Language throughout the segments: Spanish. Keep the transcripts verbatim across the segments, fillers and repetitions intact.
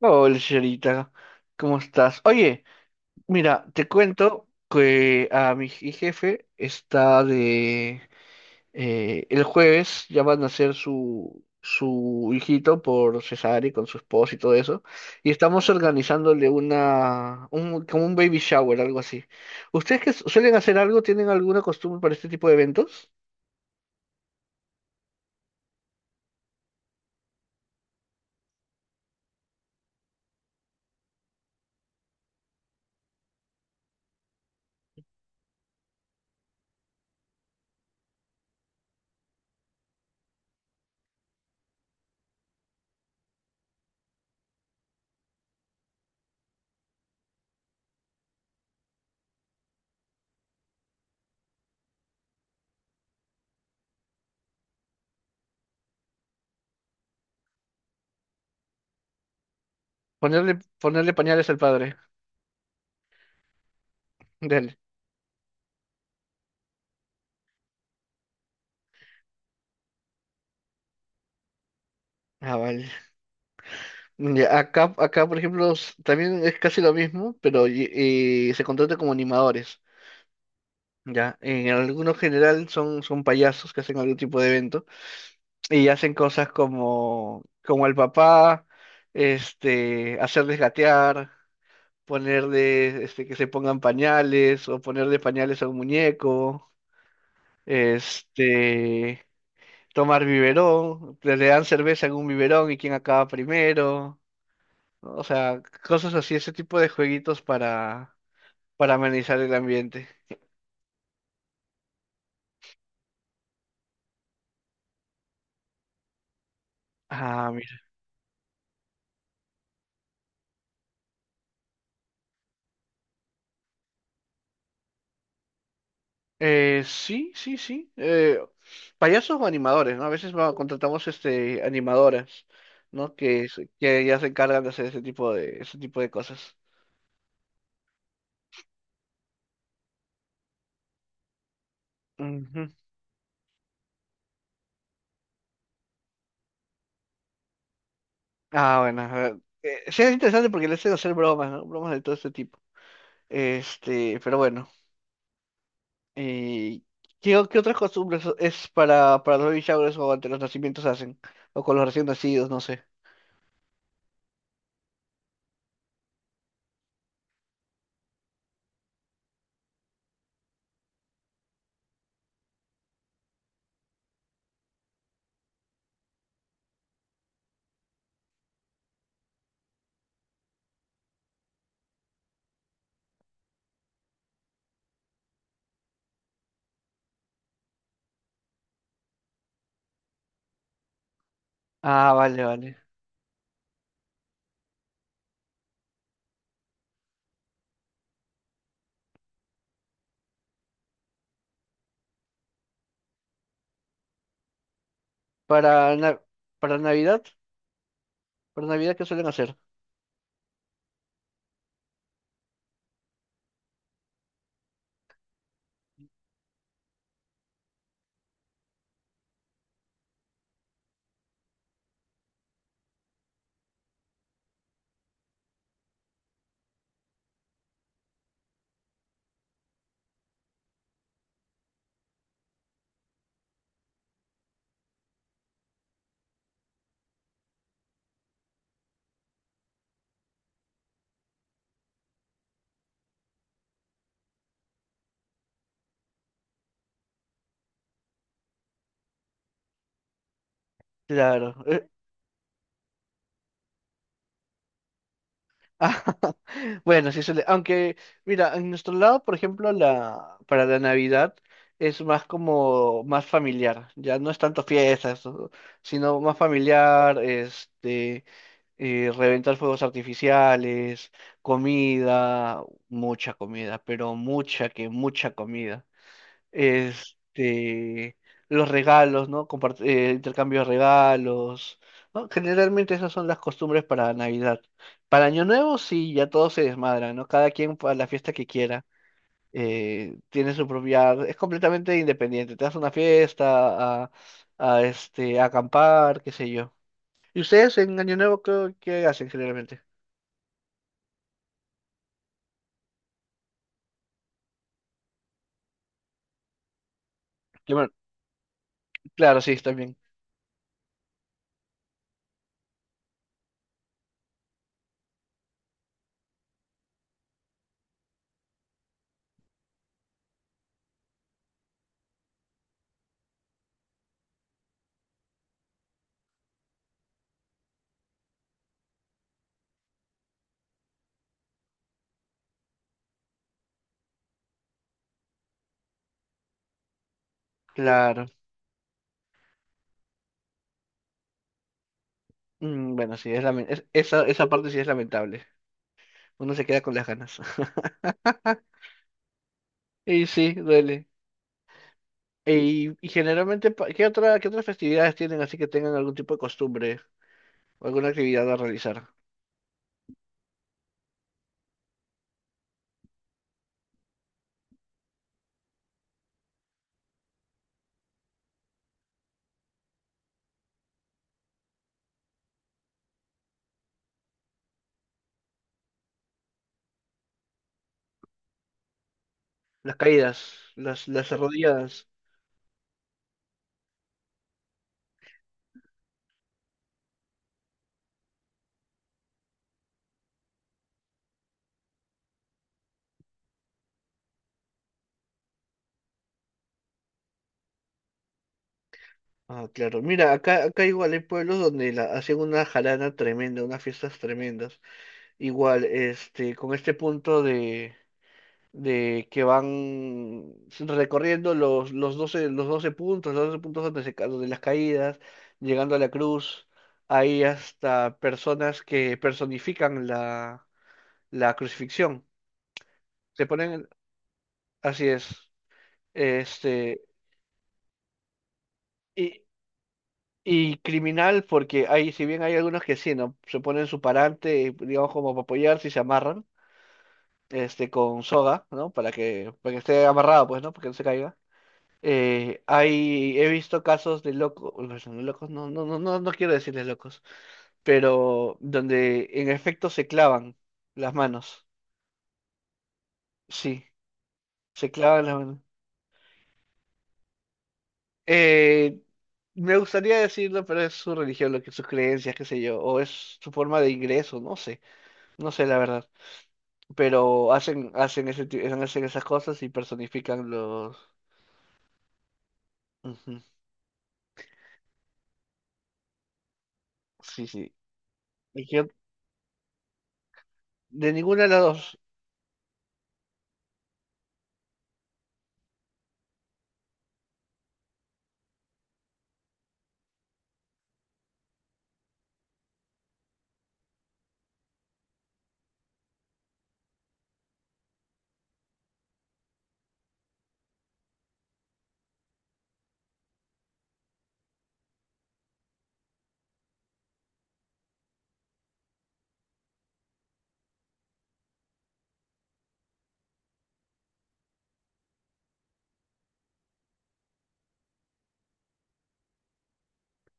Hola, señorita, ¿cómo estás? Oye, mira, te cuento que a mi je- jefe está de... eh, el jueves ya van a hacer su, su hijito por cesárea y con su esposa y todo eso, y estamos organizándole una... Un, como un baby shower, algo así. ¿Ustedes que su- suelen hacer algo, tienen alguna costumbre para este tipo de eventos? Ponerle, ponerle pañales al padre. Dale. Ah, vale. Mm, ya, acá, acá, por ejemplo, s- también es casi lo mismo, pero y- eh, se contrata como animadores. Ya, en algunos general son, son payasos que hacen algún tipo de evento y hacen cosas como, como al papá, este, hacerles gatear, ponerle, este, que se pongan pañales o ponerle pañales a un muñeco, este, tomar biberón, le le dan cerveza en un biberón y quién acaba primero, ¿no? O sea, cosas así, ese tipo de jueguitos para, para amenizar el ambiente. Ah, mira. Eh, sí, sí, sí. Eh, payasos o animadores, ¿no? A veces va- contratamos este animadoras, ¿no? Que, se- que ya se encargan de hacer ese tipo de, ese tipo de cosas. Ujú. Ah, bueno, a ver. Eh, sí, es interesante porque le hacen hacer bromas, ¿no? Bromas de todo este tipo. Este, pero bueno. Eh, ¿qué, o- qué otras costumbres es para, para los baby showers o ante los nacimientos hacen? O con los recién nacidos, no sé. Ah, vale, vale. Para, na- para Navidad, para Navidad, ¿qué suelen hacer? Claro. eh, ah, bueno, sí suele. Aunque, mira, en nuestro lado, por ejemplo, la para la Navidad es más como más familiar. Ya no es tanto fiestas, o- sino más familiar, este, eh, reventar fuegos artificiales, comida, mucha comida, pero mucha que mucha comida, este, los regalos, ¿no? Compart- eh, intercambio de regalos, ¿no? Generalmente esas son las costumbres para Navidad. Para Año Nuevo sí, ya todo se desmadra, ¿no? Cada quien para la fiesta que quiera. eh, tiene su propia, es completamente independiente. Te das una fiesta, a, a, este, a acampar, qué sé yo. ¿Y ustedes en Año Nuevo qué, qué hacen generalmente? Que bueno, claro, sí, también. Claro. Mm, bueno, sí, es lamen- es- esa, esa parte sí es lamentable. Uno se queda con las ganas. Y sí, duele. Y, y generalmente, pa- ¿qué otra, qué otras festividades tienen así que tengan algún tipo de costumbre o alguna actividad a realizar? Las caídas, las, las arrodilladas. Ah, claro. Mira, acá, acá igual hay pueblos donde la, hacen una jarana tremenda, unas fiestas tremendas. Igual, este, con este punto de de que van recorriendo los, los doce los doce puntos, los doce puntos donde se, ca- donde las caídas, llegando a la cruz. Hay hasta personas que personifican la, la crucifixión. Se ponen, así es, este, y, y criminal porque hay, si bien hay algunos que sí, ¿no? Se ponen su parante, digamos, como para apoyarse y se amarran, este, con soga, ¿no? Para que, para que esté amarrado, pues, ¿no? Para que no se caiga. Eh, hay, he visto casos de locos, locos, no, no, no, no, no quiero decirles locos, pero donde en efecto se clavan las manos. Sí, se clavan las manos. Eh, me gustaría decirlo, pero es su religión, lo que sus creencias, qué sé yo, o es su forma de ingreso, no sé, no sé la verdad. Pero hacen, hacen ese, ti- hacen esas cosas y personifican los. Ujú, sí, sí. Y que- de ninguna de las dos.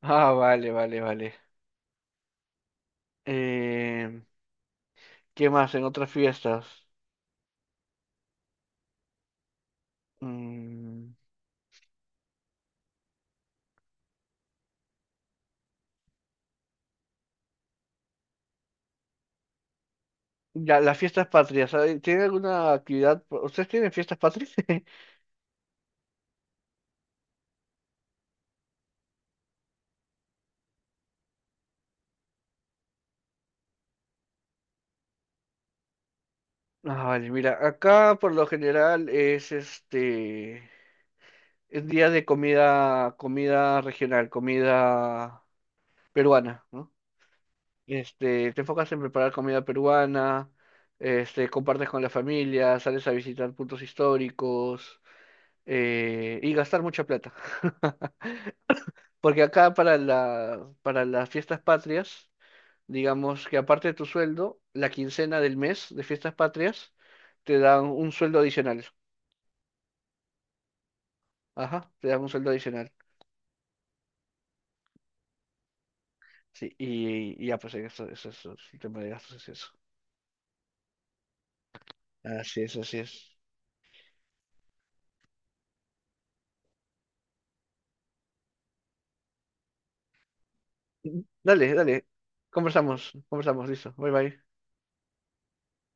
Ah, vale, vale, vale. Eh, ¿qué más en otras fiestas? Mm, ya, las fiestas patrias. ¿hay- ¿Tienen alguna actividad? ¿Ustedes tienen fiestas patrias? Ah, vale, mira, acá por lo general es este, es día de comida, comida regional, comida peruana, ¿no? Este, te enfocas en preparar comida peruana, este, compartes con la familia, sales a visitar puntos históricos, eh, y gastar mucha plata. Porque acá para la, para las fiestas patrias, digamos que aparte de tu sueldo, la quincena del mes de fiestas patrias te dan un sueldo adicional. Ajá, te dan un sueldo adicional. Sí, y, y ya pues eso, eso, eso, el tema de gastos es eso. Así es, así es. Dale, dale. Conversamos, conversamos, listo. Bye bye.